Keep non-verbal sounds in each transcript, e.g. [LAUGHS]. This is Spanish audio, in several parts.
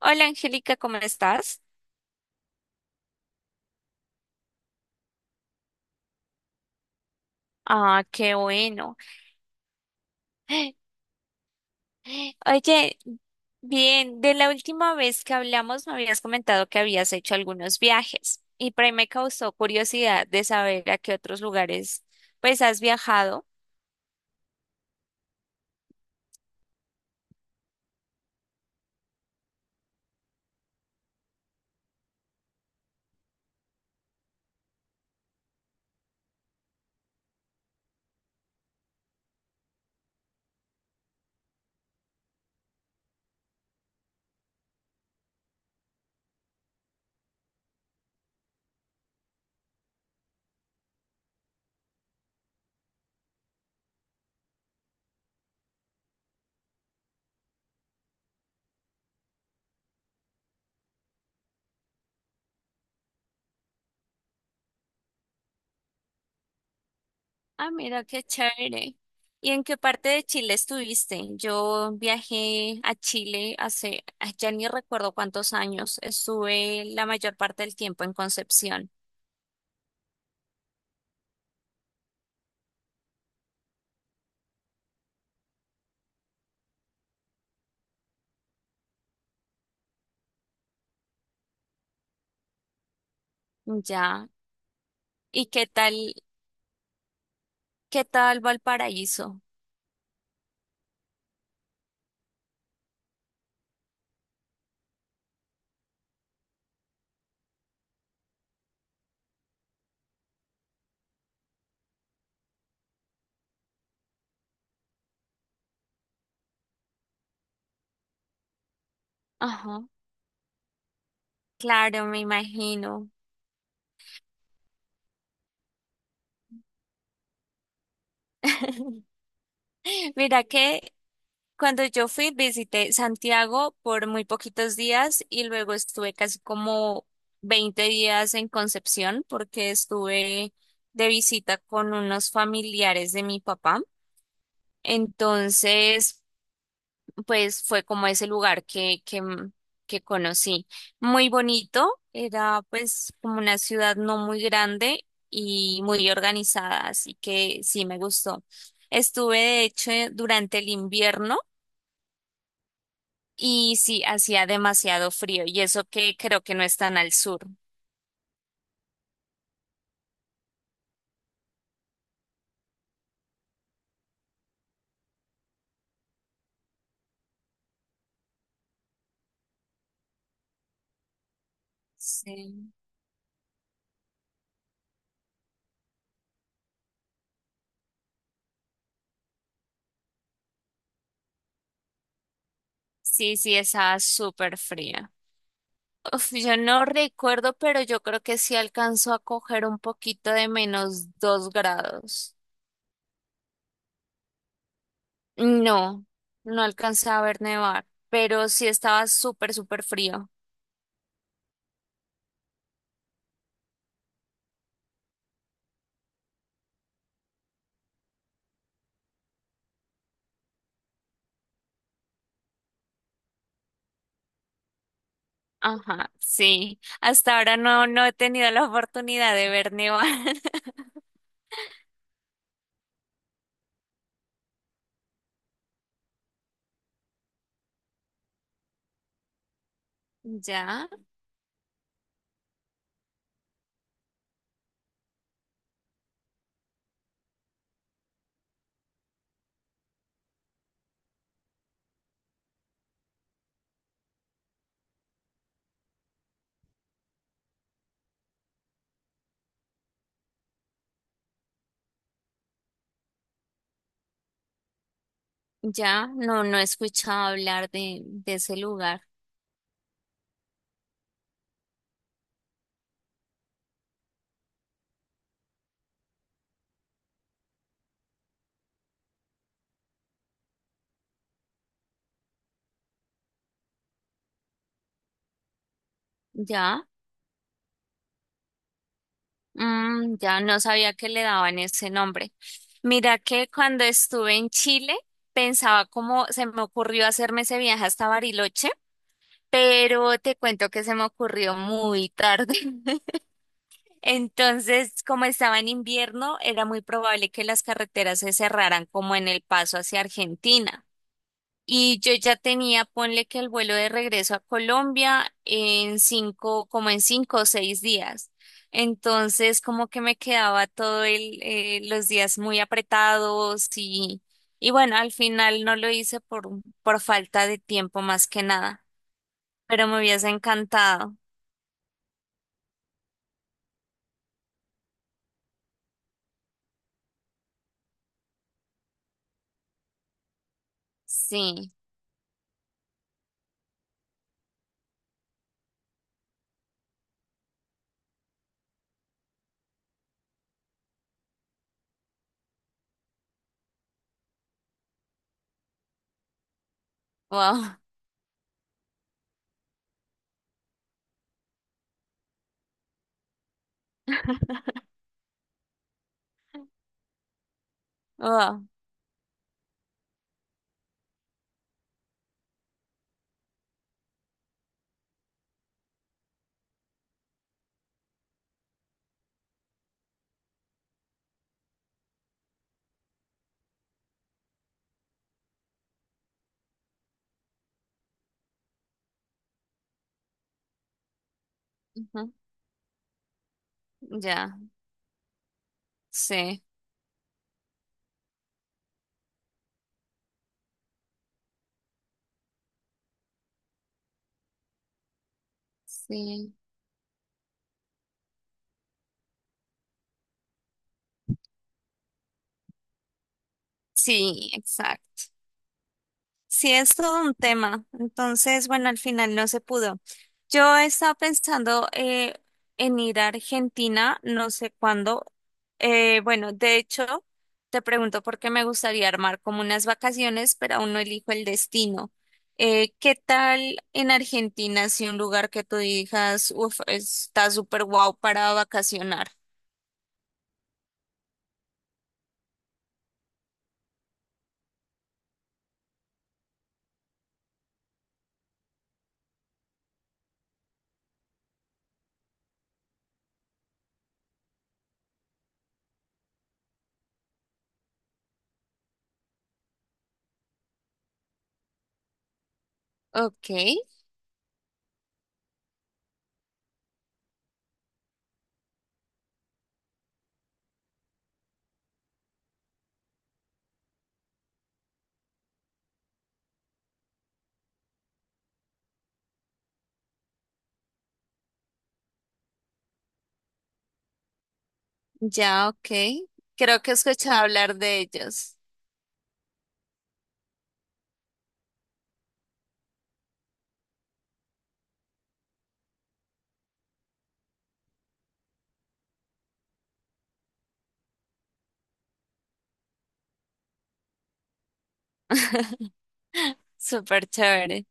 Hola Angélica, ¿cómo estás? Ah, qué bueno. [GASPS] Oye, bien, de la última vez que hablamos me habías comentado que habías hecho algunos viajes y por ahí me causó curiosidad de saber a qué otros lugares pues has viajado. Ah, mira, qué chévere. ¿Y en qué parte de Chile estuviste? Yo viajé a Chile hace, ah, ya ni recuerdo cuántos años, estuve la mayor parte del tiempo en Concepción. Ya. ¿Y qué tal? Qué tal Valparaíso? Ajá. Claro, me imagino. [LAUGHS] Mira que cuando yo fui visité Santiago por muy poquitos días y luego estuve casi como 20 días en Concepción porque estuve de visita con unos familiares de mi papá. Entonces, pues fue como ese lugar que que conocí. Muy bonito, era pues como una ciudad no muy grande y muy organizada, así que sí me gustó. Estuve de hecho durante el invierno y sí hacía demasiado frío y eso que creo que no es tan al sur. Sí, sí, sí, estaba súper fría. Uf, yo no recuerdo, pero yo creo que sí alcanzó a coger un poquito de menos 2 grados. No, no alcancé a ver nevar, pero sí estaba súper, súper frío. Ajá, sí. Hasta ahora no, no he tenido la oportunidad de ver nevar. [LAUGHS] Ya, ya, no, no he escuchado hablar de ese lugar. Ya, mm, ya no sabía que le daban ese nombre. Mira que cuando estuve en Chile, pensaba cómo se me ocurrió hacerme ese viaje hasta Bariloche, pero te cuento que se me ocurrió muy tarde. [LAUGHS] Entonces, como estaba en invierno, era muy probable que las carreteras se cerraran como en el paso hacia Argentina. Y yo ya tenía, ponle que el vuelo de regreso a Colombia en 5, como en 5 o 6 días. Entonces, como que me quedaba todo el, los días muy apretados y bueno, al final no lo hice por falta de tiempo más que nada, pero me hubiese encantado. Sí, wow, wow, ujú, ya. Sí, sí, sí, exacto. Sí, es todo un tema. Entonces, bueno, al final no se pudo. Yo estaba pensando en ir a Argentina, no sé cuándo. Bueno, de hecho, te pregunto porque me gustaría armar como unas vacaciones, pero aún no elijo el destino. ¿Qué tal en Argentina si un lugar que tú digas, uff, está súper guau para vacacionar? Ok. Ya, ok. Creo que he escuchado hablar de ellos. [LAUGHS] Súper chévere.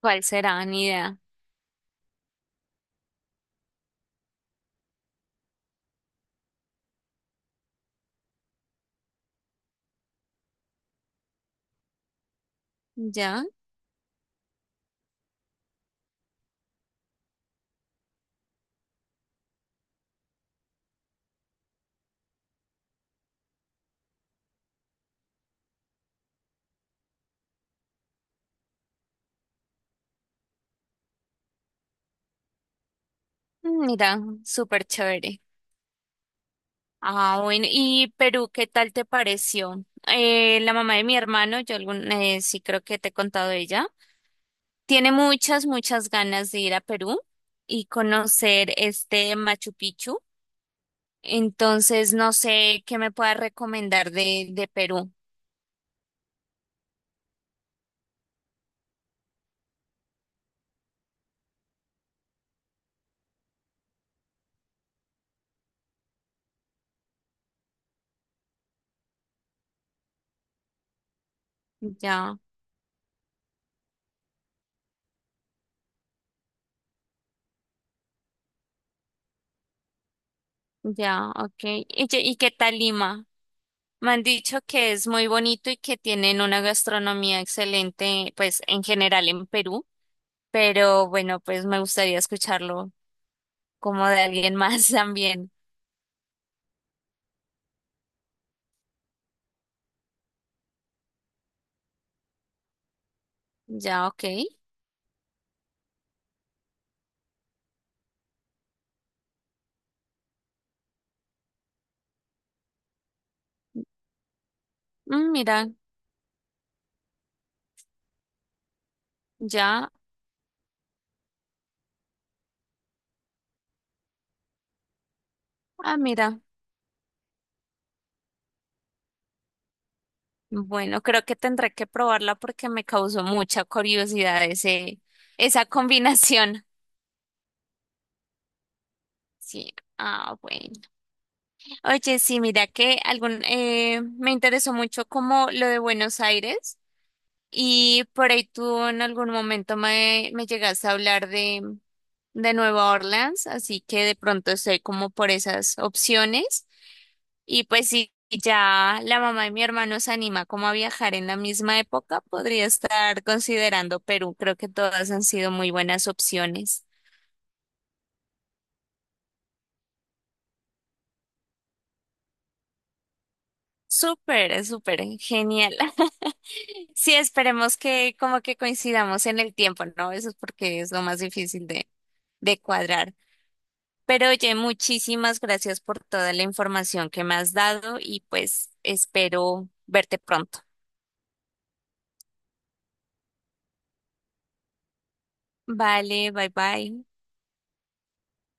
¿Cuál será? Ni idea. Ya, mira, súper chévere. Ah, bueno, ¿y Perú qué tal te pareció? La mamá de mi hermano, yo algún, sí creo que te he contado de ella, tiene muchas, muchas ganas de ir a Perú y conocer este Machu Picchu. Entonces, no sé qué me puedas recomendar de Perú. Ya. Ya, ok. ¿Y, qué qué tal Lima? Me han dicho que es muy bonito y que tienen una gastronomía excelente, pues en general en Perú, pero bueno, pues me gustaría escucharlo como de alguien más [LAUGHS] también. Ya, ok. Mm, mira, ya, ah, mira. Bueno, creo que tendré que probarla porque me causó mucha curiosidad ese, esa [LAUGHS] combinación. Sí, ah, bueno. Oye, sí, mira que algún, me interesó mucho como lo de Buenos Aires. Y por ahí tú en algún momento me, me llegaste a hablar de Nueva Orleans, así que de pronto estoy como por esas opciones. Y pues si ya la mamá de mi hermano se anima como a viajar en la misma época, podría estar considerando Perú. Creo que todas han sido muy buenas opciones. Súper, súper, genial. [LAUGHS] Sí, esperemos que como que coincidamos en el tiempo, ¿no? Eso es porque es lo más difícil de cuadrar. Pero oye, muchísimas gracias por toda la información que me has dado y pues espero verte pronto. Vale, bye bye.